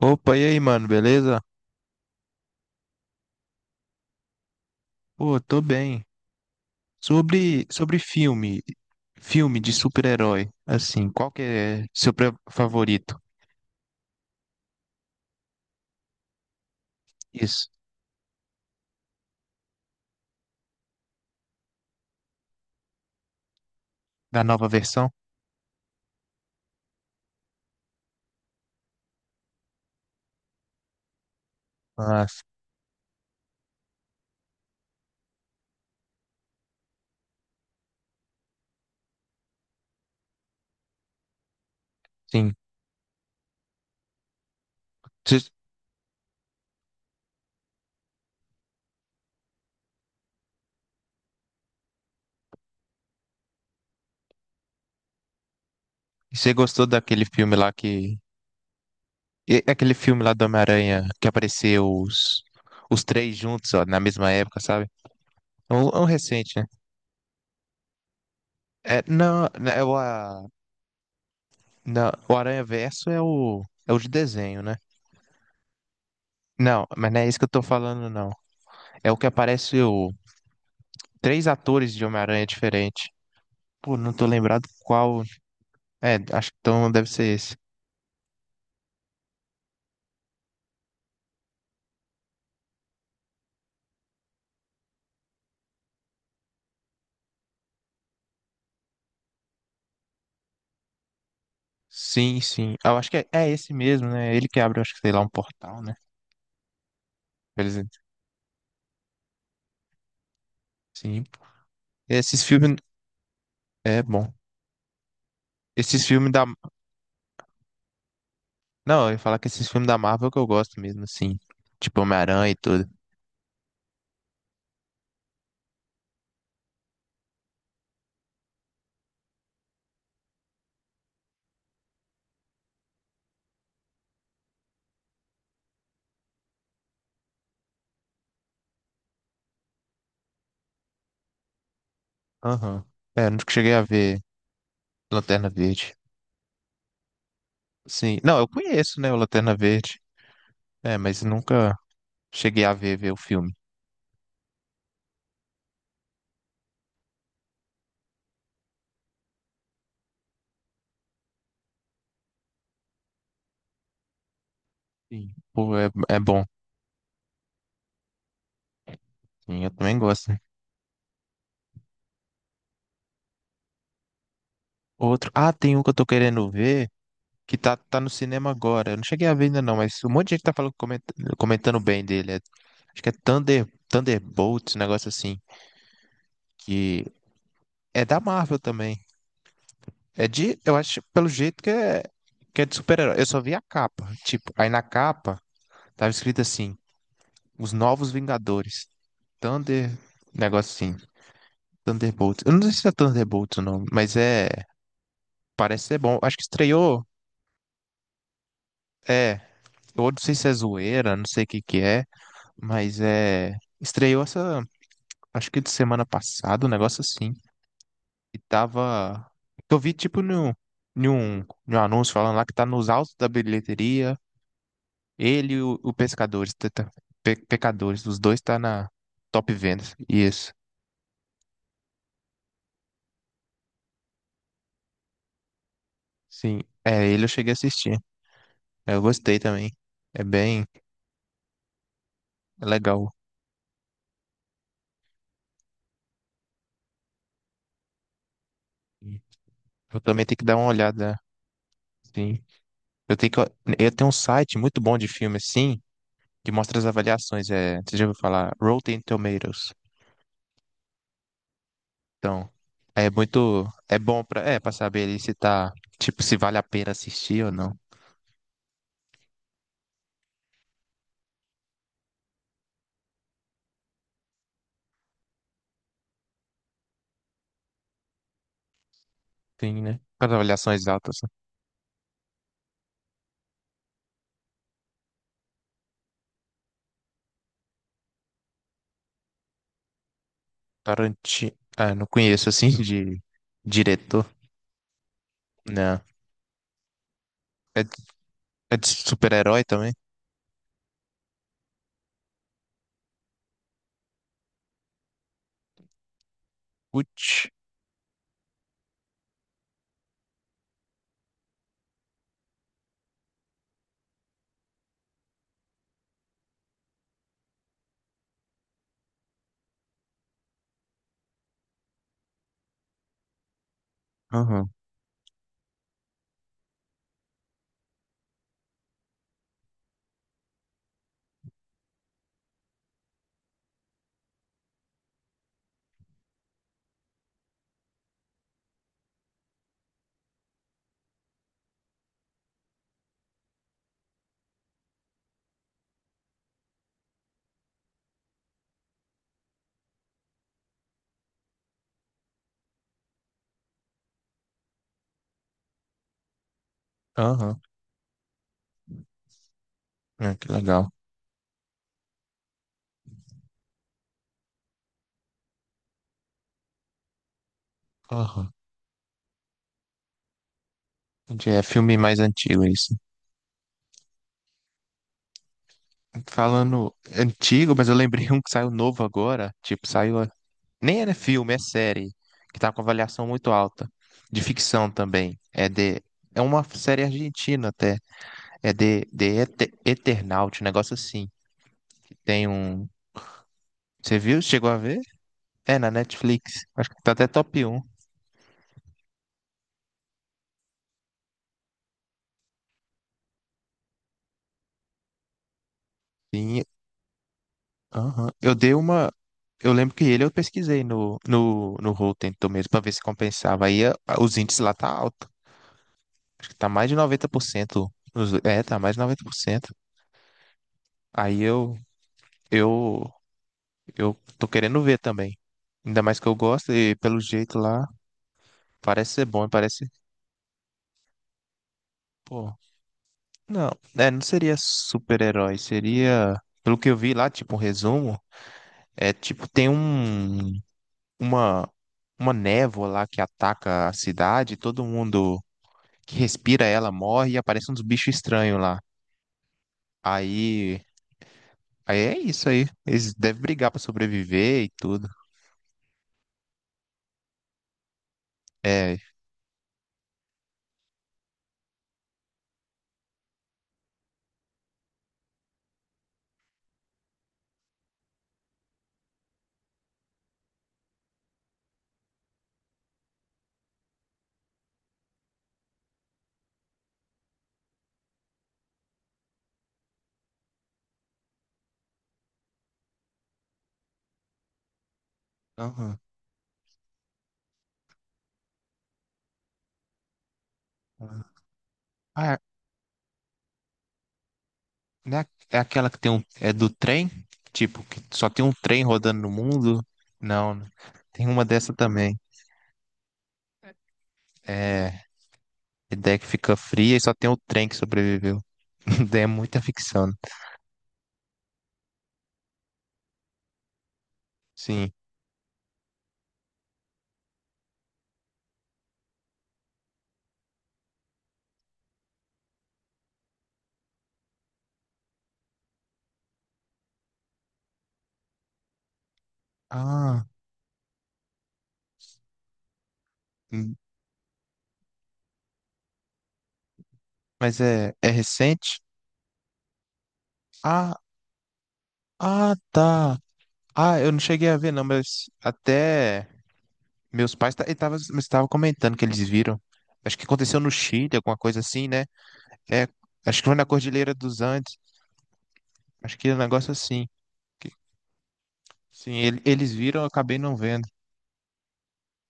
Opa, e aí, mano, beleza? Pô, tô bem. Sobre filme de super-herói, assim, qual que é seu favorito? Isso, da nova versão? Ah, sim. Você gostou daquele filme lá que... Aquele filme lá do Homem-Aranha que apareceu os três juntos, ó, na mesma época, sabe? É um recente, né? É, não, não, não, o Aranha Verso é o, é o de desenho, né? Não, mas não é isso que eu tô falando, não. É o que aparece o três atores de Homem-Aranha diferente. Pô, não tô lembrado qual. É, acho que então deve ser esse. Sim, sim. Ah, eu acho que é esse mesmo, né? Ele que abre, acho que sei lá, um portal, né? Por exemplo. Sim. Esses filmes. É bom. Esses filmes da, Não, eu ia falar que esses filmes da Marvel é que eu gosto mesmo, assim. Tipo Homem-Aranha e tudo. Aham. É, eu nunca cheguei a ver Lanterna Verde. Sim. Não, eu conheço, né, o Lanterna Verde. É, mas nunca cheguei a ver o filme. Sim. Pô, é, é bom. Sim, eu também gosto. Outro. Ah, tem um que eu tô querendo ver que tá no cinema agora. Eu não cheguei a ver ainda não, mas um monte de gente tá falando, comentando bem dele. Acho que é Thunderbolts, um negócio assim. Que é da Marvel também. É de, eu acho, pelo jeito que é de super-herói. Eu só vi a capa. Tipo, aí na capa tava escrito assim. Os Novos Vingadores. Thunder. Negócio assim. Thunderbolts. Eu não sei se é Thunderbolts o nome, mas é. Parece ser bom. Acho que estreou. É. Eu não sei se é zoeira, não sei o que que é, mas é. Estreou essa. Acho que de semana passada, um negócio assim. E tava. Eu vi tipo no. Em um anúncio falando lá que tá nos altos da bilheteria. Ele e o Pescadores. Pecadores. Os dois tá na top vendas. Isso. Sim. É, ele eu cheguei a assistir. É, eu gostei também. É bem é legal. Eu também tenho que dar uma olhada. Sim. Eu tenho que, eu tenho um site muito bom de filme, assim, que mostra as avaliações. É, você já ouviu falar? Rotten Tomatoes. Então, é muito. É bom pra, é, pra saber ali se tá. Tipo, se vale a pena assistir ou não. Sim, né? Com as avaliações altas. Assim. Tarantino. Ah, não conheço, assim, de diretor. Não. É, de- é de super-herói também? Putz. Aham. Aham. Ah, que legal. Aham. Entendi, é filme mais antigo é isso. Falando antigo, mas eu lembrei um que saiu novo agora. Tipo, saiu. Nem era filme, é série. Que tá com avaliação muito alta. De ficção também. É de. É uma série argentina até. É de Eternaut, um negócio assim. Tem um. Você viu? Chegou a ver? É na Netflix. Acho que tá até top 1. Sim. Aham. Eu dei uma. Eu lembro que ele eu pesquisei no, no Rotten Tomatoes pra ver se compensava. Os índices lá tá alto. Tá mais de 90%. É, tá mais de 90%. Aí eu, eu, eu tô querendo ver também. Ainda mais que eu gosto e pelo jeito lá, parece ser bom, parece. Pô, não, é, não seria super-herói, seria. Pelo que eu vi lá, tipo, um resumo, é tipo, tem uma, uma névoa lá que ataca a cidade, todo mundo que respira ela morre e aparecem uns bichos estranhos lá. Aí, aí é isso aí. Eles devem brigar pra sobreviver e tudo. É. Aham. Ah, é, né? É aquela que tem um. É do trem? Tipo, que só tem um trem rodando no mundo? Não, né? Tem uma dessa também. É. A ideia é que fica fria e só tem o trem que sobreviveu. É muita ficção. Né? Sim. Ah, hum, mas é, é recente? Ah, ah, tá. Ah, eu não cheguei a ver, não, mas até meus pais estavam comentando que eles viram. Acho que aconteceu no Chile, alguma coisa assim, né? É, acho que foi na Cordilheira dos Andes. Acho que é um negócio assim. Que, sim, eles viram, eu acabei não vendo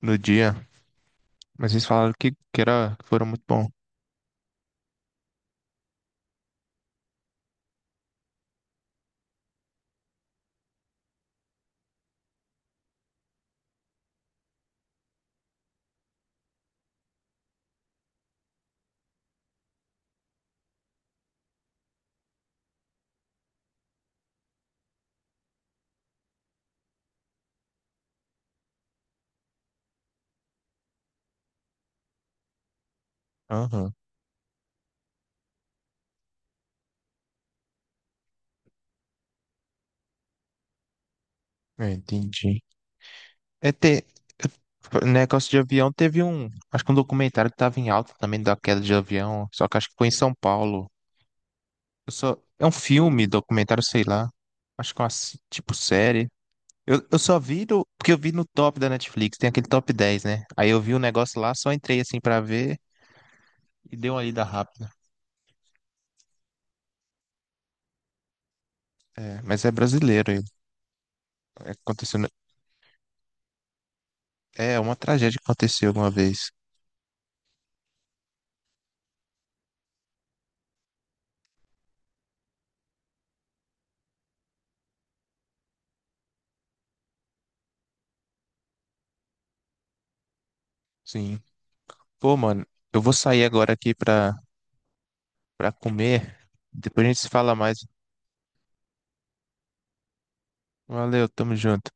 no dia. Mas eles falaram que era, que foram muito bom. Aham, é, entendi. É ter, negócio de avião, teve um. Acho que um documentário que tava em alta também da queda de avião. Só que acho que foi em São Paulo. Eu só, é um filme, documentário, sei lá. Acho que é uma tipo série. Eu só vi do, porque eu vi no top da Netflix, tem aquele top 10, né? Aí eu vi o negócio lá, só entrei assim pra ver. E deu uma lida rápida. É, mas é brasileiro ele. É, aconteceu... é uma tragédia que aconteceu uma vez. Sim. Pô, mano, eu vou sair agora aqui pra comer. Depois a gente se fala mais. Valeu, tamo junto.